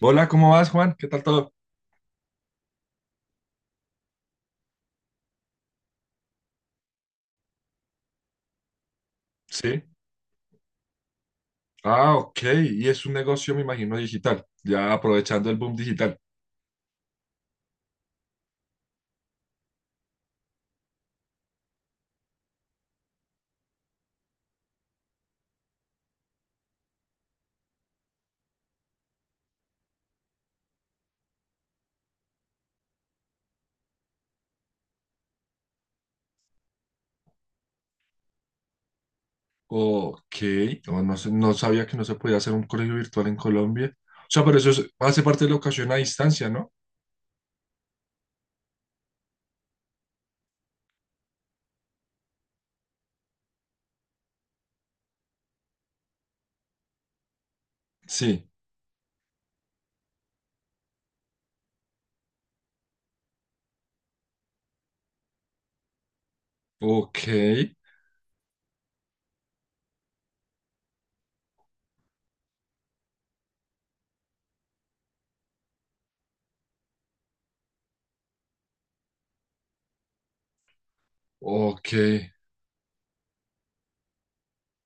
Hola, ¿cómo vas, Juan? ¿Qué tal todo? Sí. Ah, ok. Y es un negocio, me imagino, digital, ya aprovechando el boom digital. Ok. No, no, no sabía que no se podía hacer un colegio virtual en Colombia. O sea, pero hace parte de la educación a distancia, ¿no? Sí. Ok. Ok.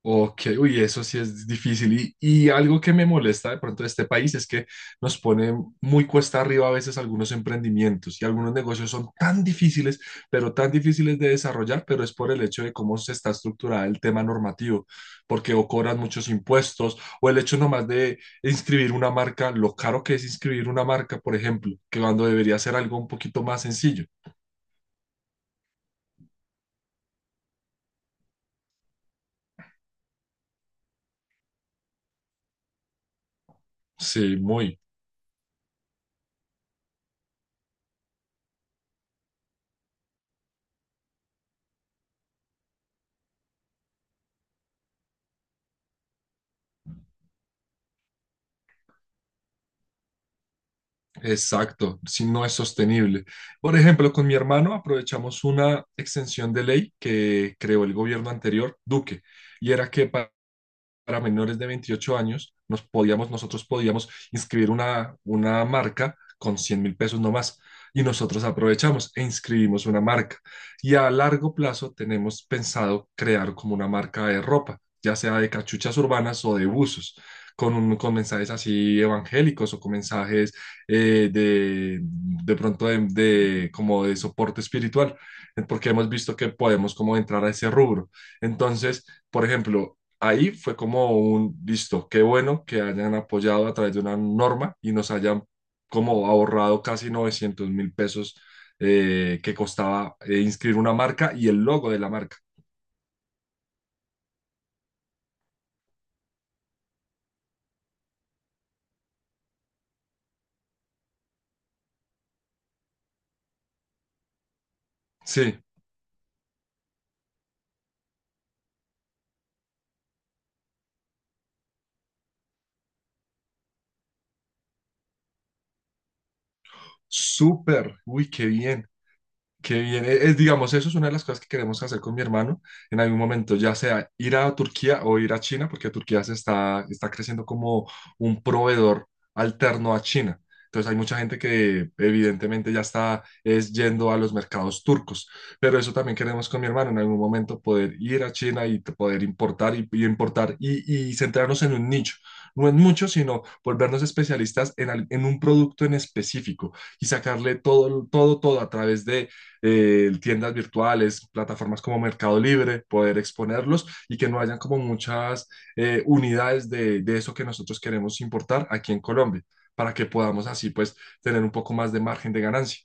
Ok, uy, eso sí es difícil. Y algo que me molesta de pronto de este país es que nos pone muy cuesta arriba a veces algunos emprendimientos y algunos negocios son tan difíciles, pero tan difíciles de desarrollar, pero es por el hecho de cómo se está estructurado el tema normativo, porque o cobran muchos impuestos o el hecho nomás de inscribir una marca, lo caro que es inscribir una marca, por ejemplo, que cuando debería ser algo un poquito más sencillo. Sí, muy. Exacto, si no es sostenible. Por ejemplo, con mi hermano aprovechamos una extensión de ley que creó el gobierno anterior, Duque, y era que para menores de 28 años, nosotros podíamos inscribir una marca con 100.000 pesos no más. Y nosotros aprovechamos e inscribimos una marca. Y a largo plazo tenemos pensado crear como una marca de ropa, ya sea de cachuchas urbanas o de buzos, con mensajes así evangélicos o con mensajes de pronto como de soporte espiritual, porque hemos visto que podemos como entrar a ese rubro. Entonces, por ejemplo, ahí fue como un listo, qué bueno que hayan apoyado a través de una norma y nos hayan como ahorrado casi 900 mil pesos que costaba inscribir una marca y el logo de la marca. Sí, súper, uy, qué bien. Qué bien, es, digamos, eso es una de las cosas que queremos hacer con mi hermano en algún momento, ya sea ir a Turquía o ir a China, porque Turquía está creciendo como un proveedor alterno a China. Entonces hay mucha gente que evidentemente ya está es yendo a los mercados turcos, pero eso también queremos con mi hermano en algún momento poder ir a China y poder importar y importar y centrarnos en un nicho. No en mucho, sino volvernos especialistas en un producto en específico y sacarle todo, todo, todo a través de tiendas virtuales, plataformas como Mercado Libre, poder exponerlos y que no hayan como muchas unidades de eso que nosotros queremos importar aquí en Colombia, para que podamos así pues tener un poco más de margen de ganancia.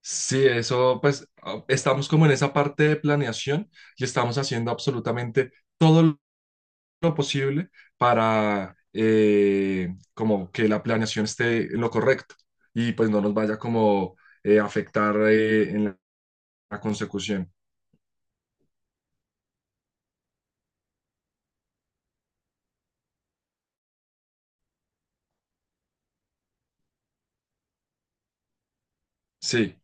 Sí, eso pues estamos como en esa parte de planeación y estamos haciendo absolutamente todo lo posible para como que la planeación esté en lo correcto y pues no nos vaya como afectar en la consecución. Sí,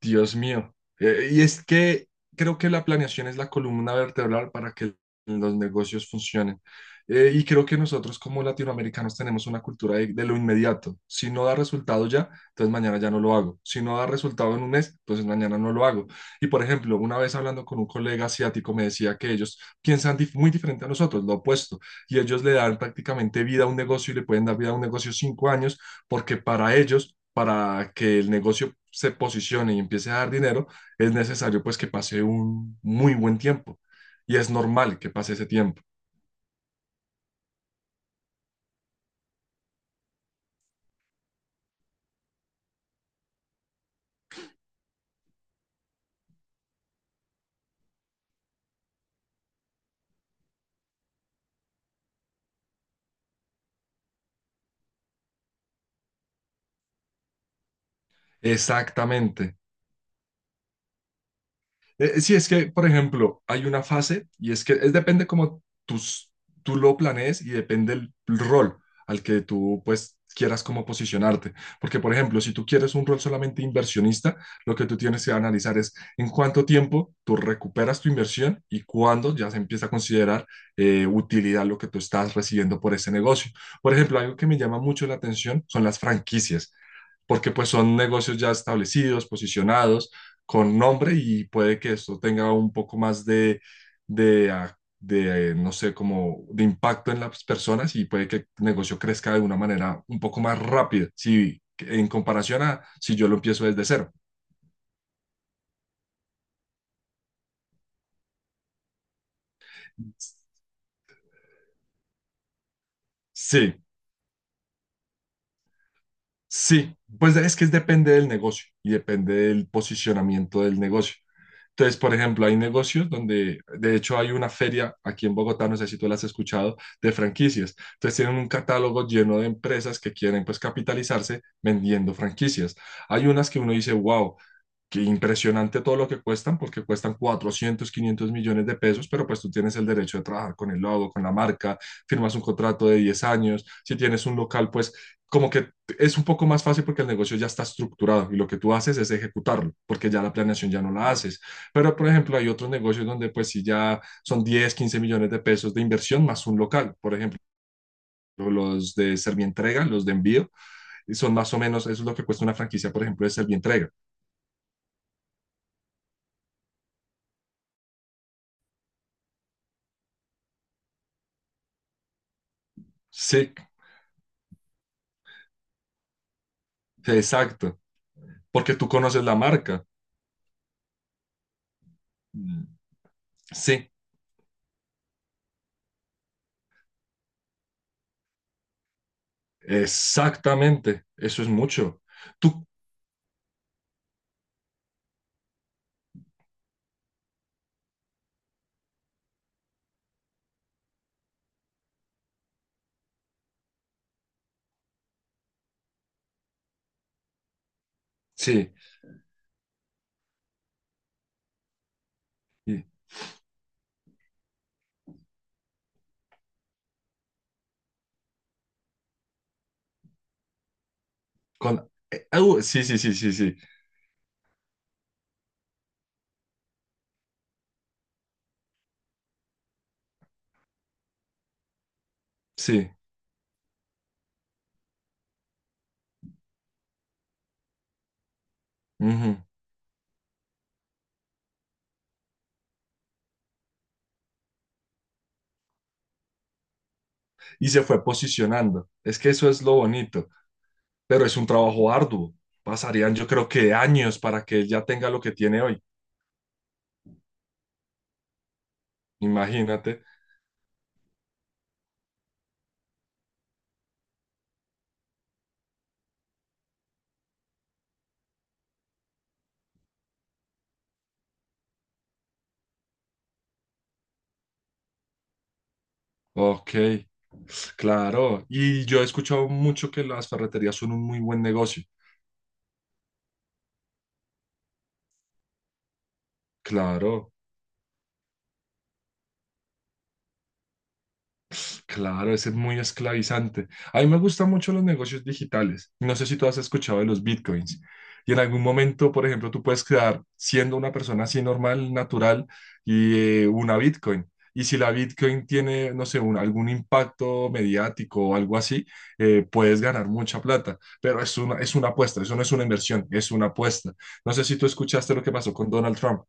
Dios mío. Y es que creo que la planeación es la columna vertebral para que los negocios funcionen. Y creo que nosotros como latinoamericanos tenemos una cultura de lo inmediato. Si no da resultado ya, entonces mañana ya no lo hago. Si no da resultado en un mes, entonces mañana no lo hago. Y por ejemplo, una vez hablando con un colega asiático me decía que ellos piensan muy diferente a nosotros, lo opuesto. Y ellos le dan prácticamente vida a un negocio y le pueden dar vida a un negocio 5 años porque para ellos, para que el negocio se posicione y empiece a dar dinero, es necesario pues que pase un muy buen tiempo y es normal que pase ese tiempo. Exactamente. Sí, es que, por ejemplo, hay una fase y es que es, depende como tú lo planees y depende el rol al que tú pues quieras como posicionarte. Porque, por ejemplo, si tú quieres un rol solamente inversionista, lo que tú tienes que analizar es en cuánto tiempo tú recuperas tu inversión y cuándo ya se empieza a considerar utilidad lo que tú estás recibiendo por ese negocio. Por ejemplo, algo que me llama mucho la atención son las franquicias porque pues son negocios ya establecidos, posicionados, con nombre y puede que esto tenga un poco más de, no sé, como de impacto en las personas y puede que el negocio crezca de una manera un poco más rápida, si, en comparación a si yo lo empiezo desde cero. Sí, sí, pues es que depende del negocio y depende del posicionamiento del negocio. Entonces, por ejemplo, hay negocios donde, de hecho, hay una feria aquí en Bogotá, no sé si tú la has escuchado, de franquicias. Entonces, tienen un catálogo lleno de empresas que quieren, pues, capitalizarse vendiendo franquicias. Hay unas que uno dice, wow, que impresionante todo lo que cuestan, porque cuestan 400 500 millones de pesos, pero pues tú tienes el derecho de trabajar con el logo, con la marca, firmas un contrato de 10 años, si tienes un local, pues como que es un poco más fácil porque el negocio ya está estructurado y lo que tú haces es ejecutarlo, porque ya la planeación ya no la haces. Pero, por ejemplo, hay otros negocios donde pues si ya son 10 15 millones de pesos de inversión más un local, por ejemplo, los de Servientrega, los de envío, son más o menos, eso es lo que cuesta una franquicia, por ejemplo, de Servientrega. Sí, exacto, porque tú conoces la marca. Mm. Sí, exactamente, eso es mucho. Tú, sí, y con, au, sí, sí, sí, sí, sí, sí, ujú. Y se fue posicionando. Es que eso es lo bonito, pero es un trabajo arduo. Pasarían, yo creo que años para que ya tenga lo que tiene hoy. Imagínate. Ok, claro. Y yo he escuchado mucho que las ferreterías son un muy buen negocio. Claro. Claro, ese es muy esclavizante. A mí me gustan mucho los negocios digitales. No sé si tú has escuchado de los bitcoins. Y en algún momento, por ejemplo, tú puedes crear, siendo una persona así normal, natural, y una bitcoin. Y si la bitcoin tiene, no sé, algún impacto mediático o algo así, puedes ganar mucha plata. Pero es una apuesta, eso no es una inversión, es una apuesta. No sé si tú escuchaste lo que pasó con Donald Trump.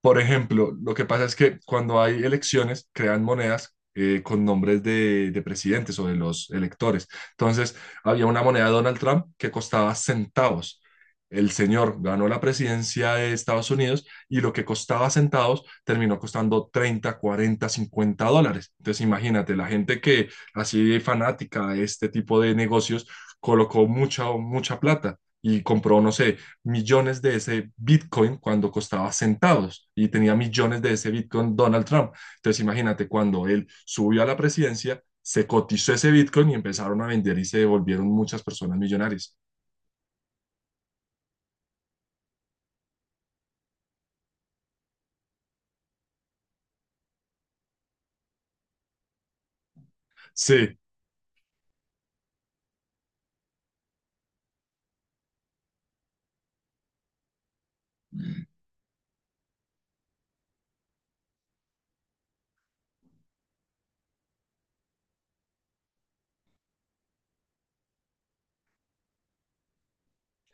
Por ejemplo, lo que pasa es que cuando hay elecciones, crean monedas con nombres de presidentes o de los electores. Entonces, había una moneda de Donald Trump que costaba centavos. El señor ganó la presidencia de Estados Unidos y lo que costaba centavos terminó costando 30, 40, $50. Entonces, imagínate, la gente que así fanática de este tipo de negocios colocó mucha, mucha plata y compró, no sé, millones de ese Bitcoin cuando costaba centavos y tenía millones de ese Bitcoin Donald Trump. Entonces imagínate, cuando él subió a la presidencia, se cotizó ese Bitcoin y empezaron a vender y se volvieron muchas personas millonarias. Sí,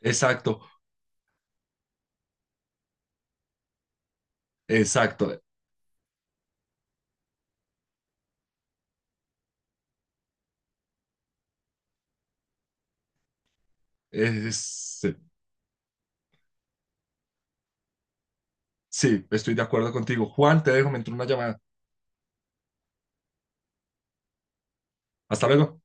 exacto, exacto. Sí, sí, estoy de acuerdo contigo. Juan, te dejo, me entró una llamada. Hasta luego.